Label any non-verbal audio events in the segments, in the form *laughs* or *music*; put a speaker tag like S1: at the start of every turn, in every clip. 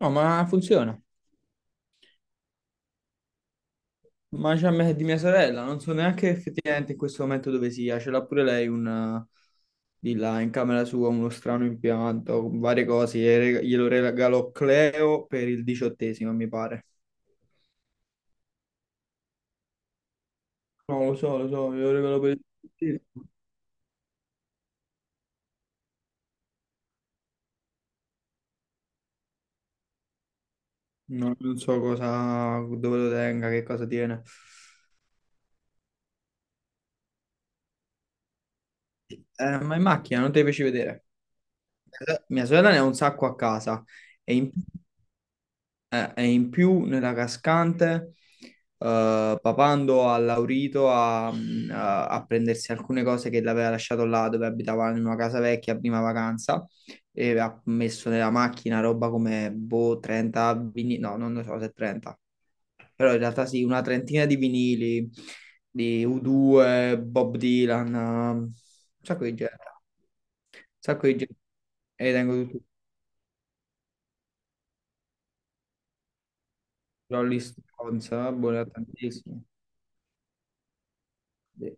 S1: No, ma funziona. Di mia sorella, non so neanche effettivamente in questo momento dove sia. Ce l'ha pure lei un, di là in camera sua uno strano impianto con varie cose. Glielo regalò Cleo per il diciottesimo, mi pare. No, lo so, glielo regalo per il diciottesimo. No, non so cosa, dove lo tenga, che cosa tiene. Ma in macchina non te li feci vedere. Mia sorella ne ha un sacco a casa. E in- e in più nella cascante, Papando ha Laurito a, a prendersi alcune cose che l'aveva lasciato là dove abitava in una casa vecchia a prima vacanza e ha messo nella macchina roba come boh, 30 vinili, no, non lo so se è 30, però in realtà sì, una trentina di vinili di U2, Bob Dylan, un sacco di gente, un sacco di gente. E tengo tutti i Rolling Stones, boh, ne ho tantissimi. Sì.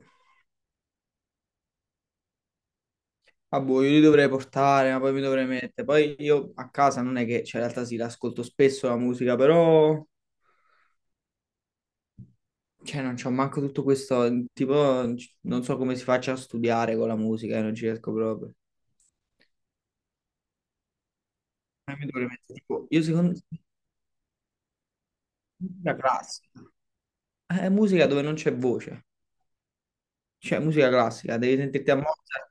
S1: Ah, boh, io li dovrei portare, ma poi mi dovrei mettere. Poi io a casa non è che, cioè, in realtà sì, l'ascolto spesso la musica, però, cioè, non c'ho manco tutto questo, tipo, non so come si faccia a studiare con la musica, non ci riesco proprio. Mi dovrei mettere, tipo, io secondo musica classica. È musica dove non c'è voce, cioè musica classica, devi sentirti a Mozart,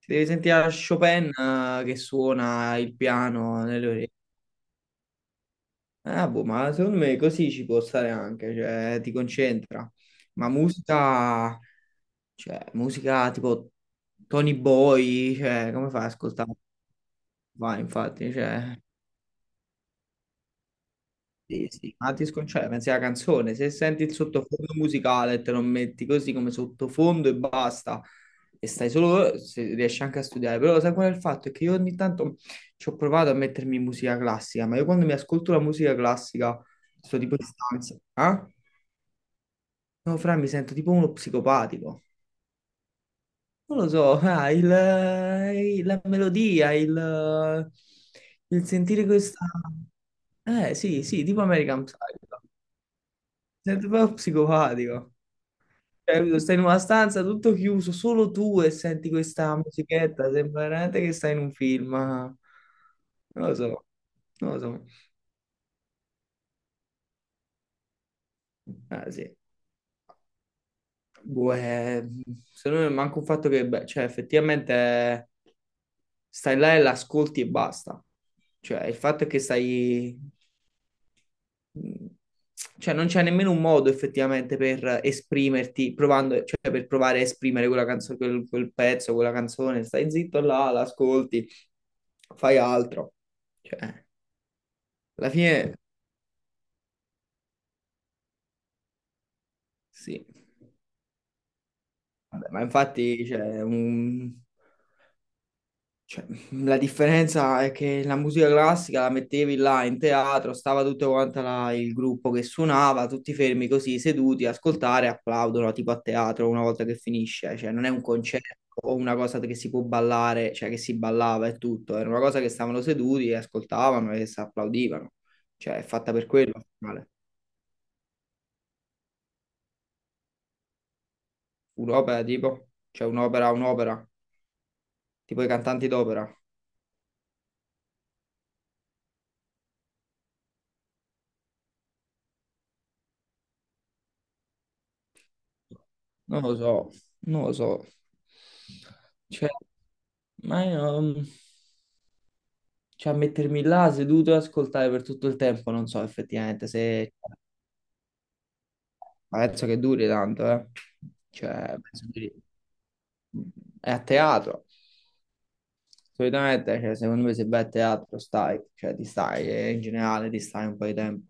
S1: ti devi sentire a Chopin che suona il piano nelle orecchie. Ah, boh, ma secondo me così ci può stare anche, cioè ti concentra. Ma musica, cioè musica tipo Tony Boy, cioè come fai ad ascoltare? Vai, infatti, cioè, sì, sì, ma ti sconcentra, pensi alla canzone, se senti il sottofondo musicale e te lo metti così come sottofondo e basta, e stai solo, se riesci anche a studiare, però sai qual è il fatto? È che io ogni tanto ci ho provato a mettermi musica classica, ma io quando mi ascolto la musica classica, sto tipo in stanza, eh? No, Fra, mi sento tipo uno psicopatico. Non lo so, *laughs* la melodia, il sentire questa... sì, sì, tipo American Psycho. Mi sento proprio psicopatico. Cioè, capito? Stai in una stanza tutto chiuso, solo tu e senti questa musichetta, sembra veramente che stai in un film. Non lo so, non lo so. Ah, sì. Boh, è- secondo me manca un fatto che, beh, cioè, effettivamente stai là e l'ascolti e basta. Cioè, il fatto è che stai... Cioè, non c'è nemmeno un modo effettivamente per esprimerti, provando, cioè, per provare a esprimere quella canzone, quel pezzo, quella canzone. Stai zitto là, l'ascolti, fai altro. Cioè, alla fine, sì. Vabbè, ma infatti, cioè, cioè, la differenza è che la musica classica la mettevi là in teatro, stava tutto quanto là il gruppo che suonava, tutti fermi così, seduti, a ascoltare, applaudono tipo a teatro una volta che finisce, cioè non è un concerto o una cosa che si può ballare, cioè che si ballava e tutto, era una cosa che stavano seduti e ascoltavano e si applaudivano, cioè è fatta per quello. Male. Un'opera, tipo i cantanti d'opera, non lo so, non lo so. Cioè, ma io, mm, cioè, a mettermi là seduto e ascoltare per tutto il tempo, non so effettivamente se... Ma penso che duri tanto, eh. Cioè, penso che- è a teatro. Solitamente, cioè, secondo me se vai a teatro stai, cioè ti stai, e in generale ti stai un po' di tempo.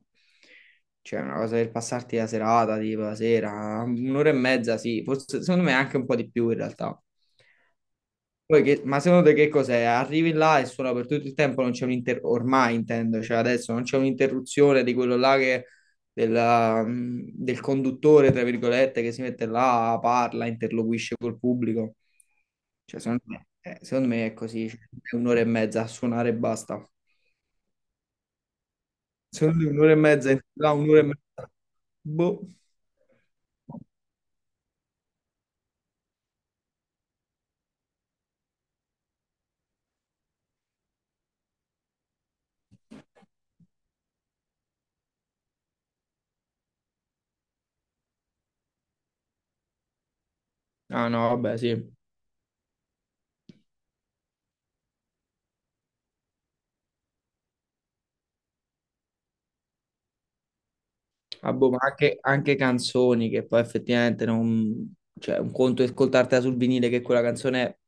S1: Cioè, una cosa per passarti la serata, tipo la sera, un'ora e mezza, sì, forse secondo me anche un po' di più in realtà. Ma secondo te che cos'è? Arrivi là e suona per tutto il tempo, non c'è un'inter... ormai intendo, cioè adesso non c'è un'interruzione di quello là che... del conduttore, tra virgolette, che si mette là, parla, interloquisce col pubblico. Cioè, secondo me è così, cioè, è un'ora e mezza a suonare e basta. Secondo me un'ora e mezza, là, un'ora e mezza. Boh. Ah no, vabbè, sì. Ah, boh, ma anche, anche canzoni che poi effettivamente non... Cioè, un conto è ascoltartela sul vinile che quella canzone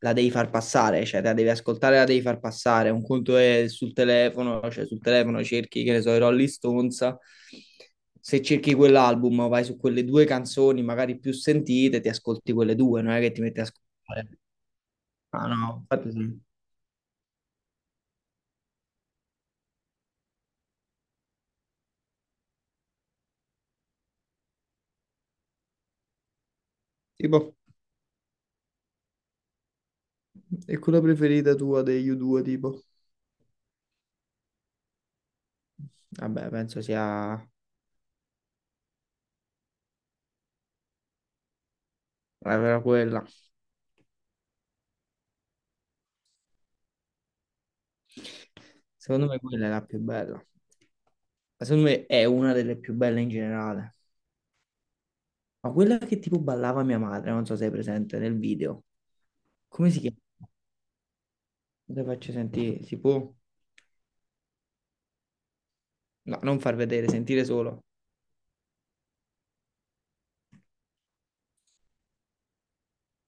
S1: la devi far passare, cioè te la devi ascoltare, la devi far passare. Un conto è sul telefono, cioè sul telefono cerchi, che ne so, i Rolling Stones. Se cerchi quell'album, vai su quelle due canzoni magari più sentite, ti ascolti quelle due, non è che ti metti a ascoltare. Ah no, infatti sì. Tipo, e quella preferita tua degli U2, tipo? Vabbè, penso sia... era quella. Secondo me quella è la più bella. Ma secondo me è una delle più belle in generale. Ma quella che tipo ballava mia madre, non so se è presente nel video. Come si chiama? Te faccio sentire, si può? No, non far vedere, sentire solo.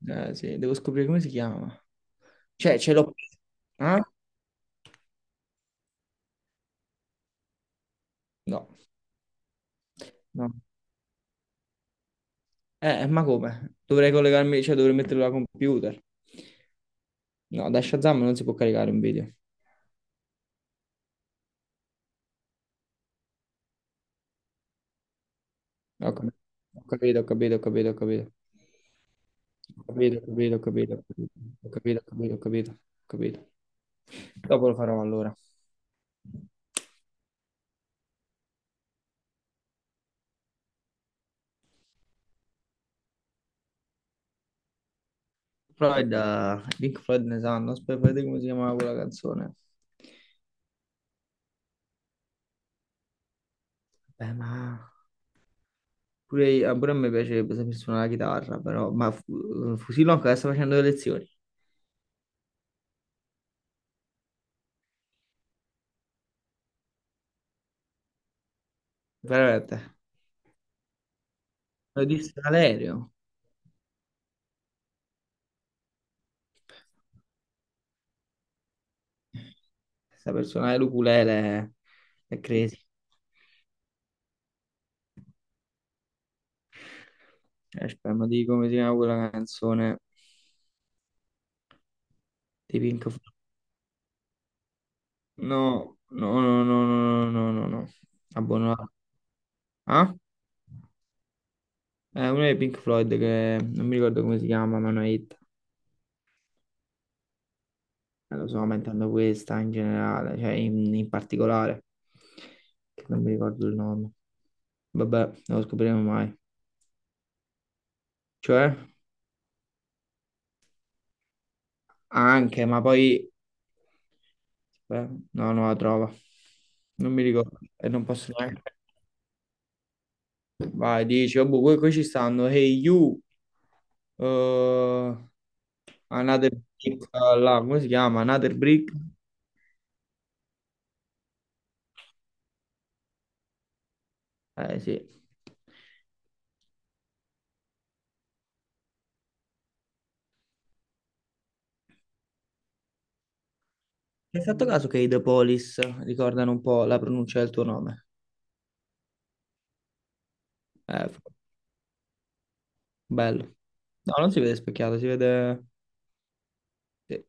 S1: Sì, devo scoprire come si chiama. Cioè, ce l'ho... Ah? No, no. Ma come? Dovrei collegarmi, cioè dovrei metterlo al computer. No, da Shazam non si può caricare un video. Ho cap- ho capito, ho capito. Capito, capito, capito, capito. Capito. Dopo lo farò allora. Pink Floyd ne sanno, aspetta, vedete come si chiamava quella canzone. Ma pure, pure a me piacerebbe saper suonare la chitarra, però, Fusillo ancora sta facendo le lezioni, veramente. Lo disse Valerio, saper suonare l'ukulele è crazy. Aspetta, ma di come si chiama quella canzone di Pink Floyd? No, no, no, no, no, no, no, no. no. Abbonato. Ah? È uno dei Pink Floyd che non mi ricordo come si chiama, ma è una hit. Lo sto aumentando questa in generale, cioè in particolare, che non mi ricordo il nome. Vabbè, non lo scopriremo mai. Cioè, anche, ma poi... Beh, no, non la trovo. Non mi ricordo. E non posso neanche... Vai, dici, oh, boh, qui ci stanno. Hey you. eh, Another Brick, come si chiama? Another Brick? Eh sì. Hai fatto caso che i The Police ricordano un po' la pronuncia del tuo nome? Eh, f- bello. No, non si vede specchiato, si vede... Sì,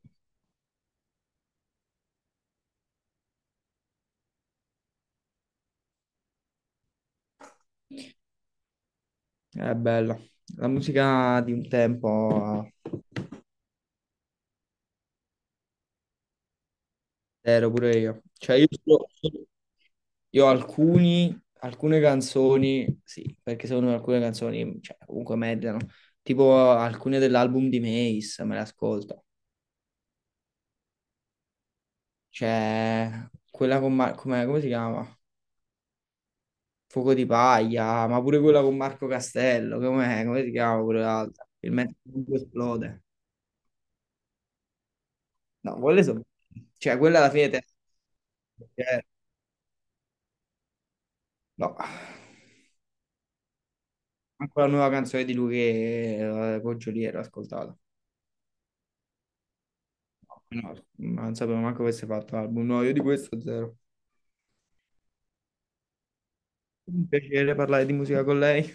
S1: è bella. La musica di un tempo. Ero pure io. Io ho alcuni, alcune canzoni, sì, perché secondo me alcune canzoni, cioè, comunque meritano. Tipo alcune dell'album di Mace, me le ascolto. Cioè, quella con Mar- com'è- come si chiama? Fuoco di paglia, ma pure quella con Marco Castello, com'è? Come si chiama pure l'altra? Il mezzo mondo esplode. No, quelle sono... Cioè, quella alla fine... te- eh, no. Anche la nuova canzone di lui che con Giuliero, ho ascoltato. No, non sapevo manco avesse fatto l'album. No, io di questo zero. Un piacere parlare di musica con lei.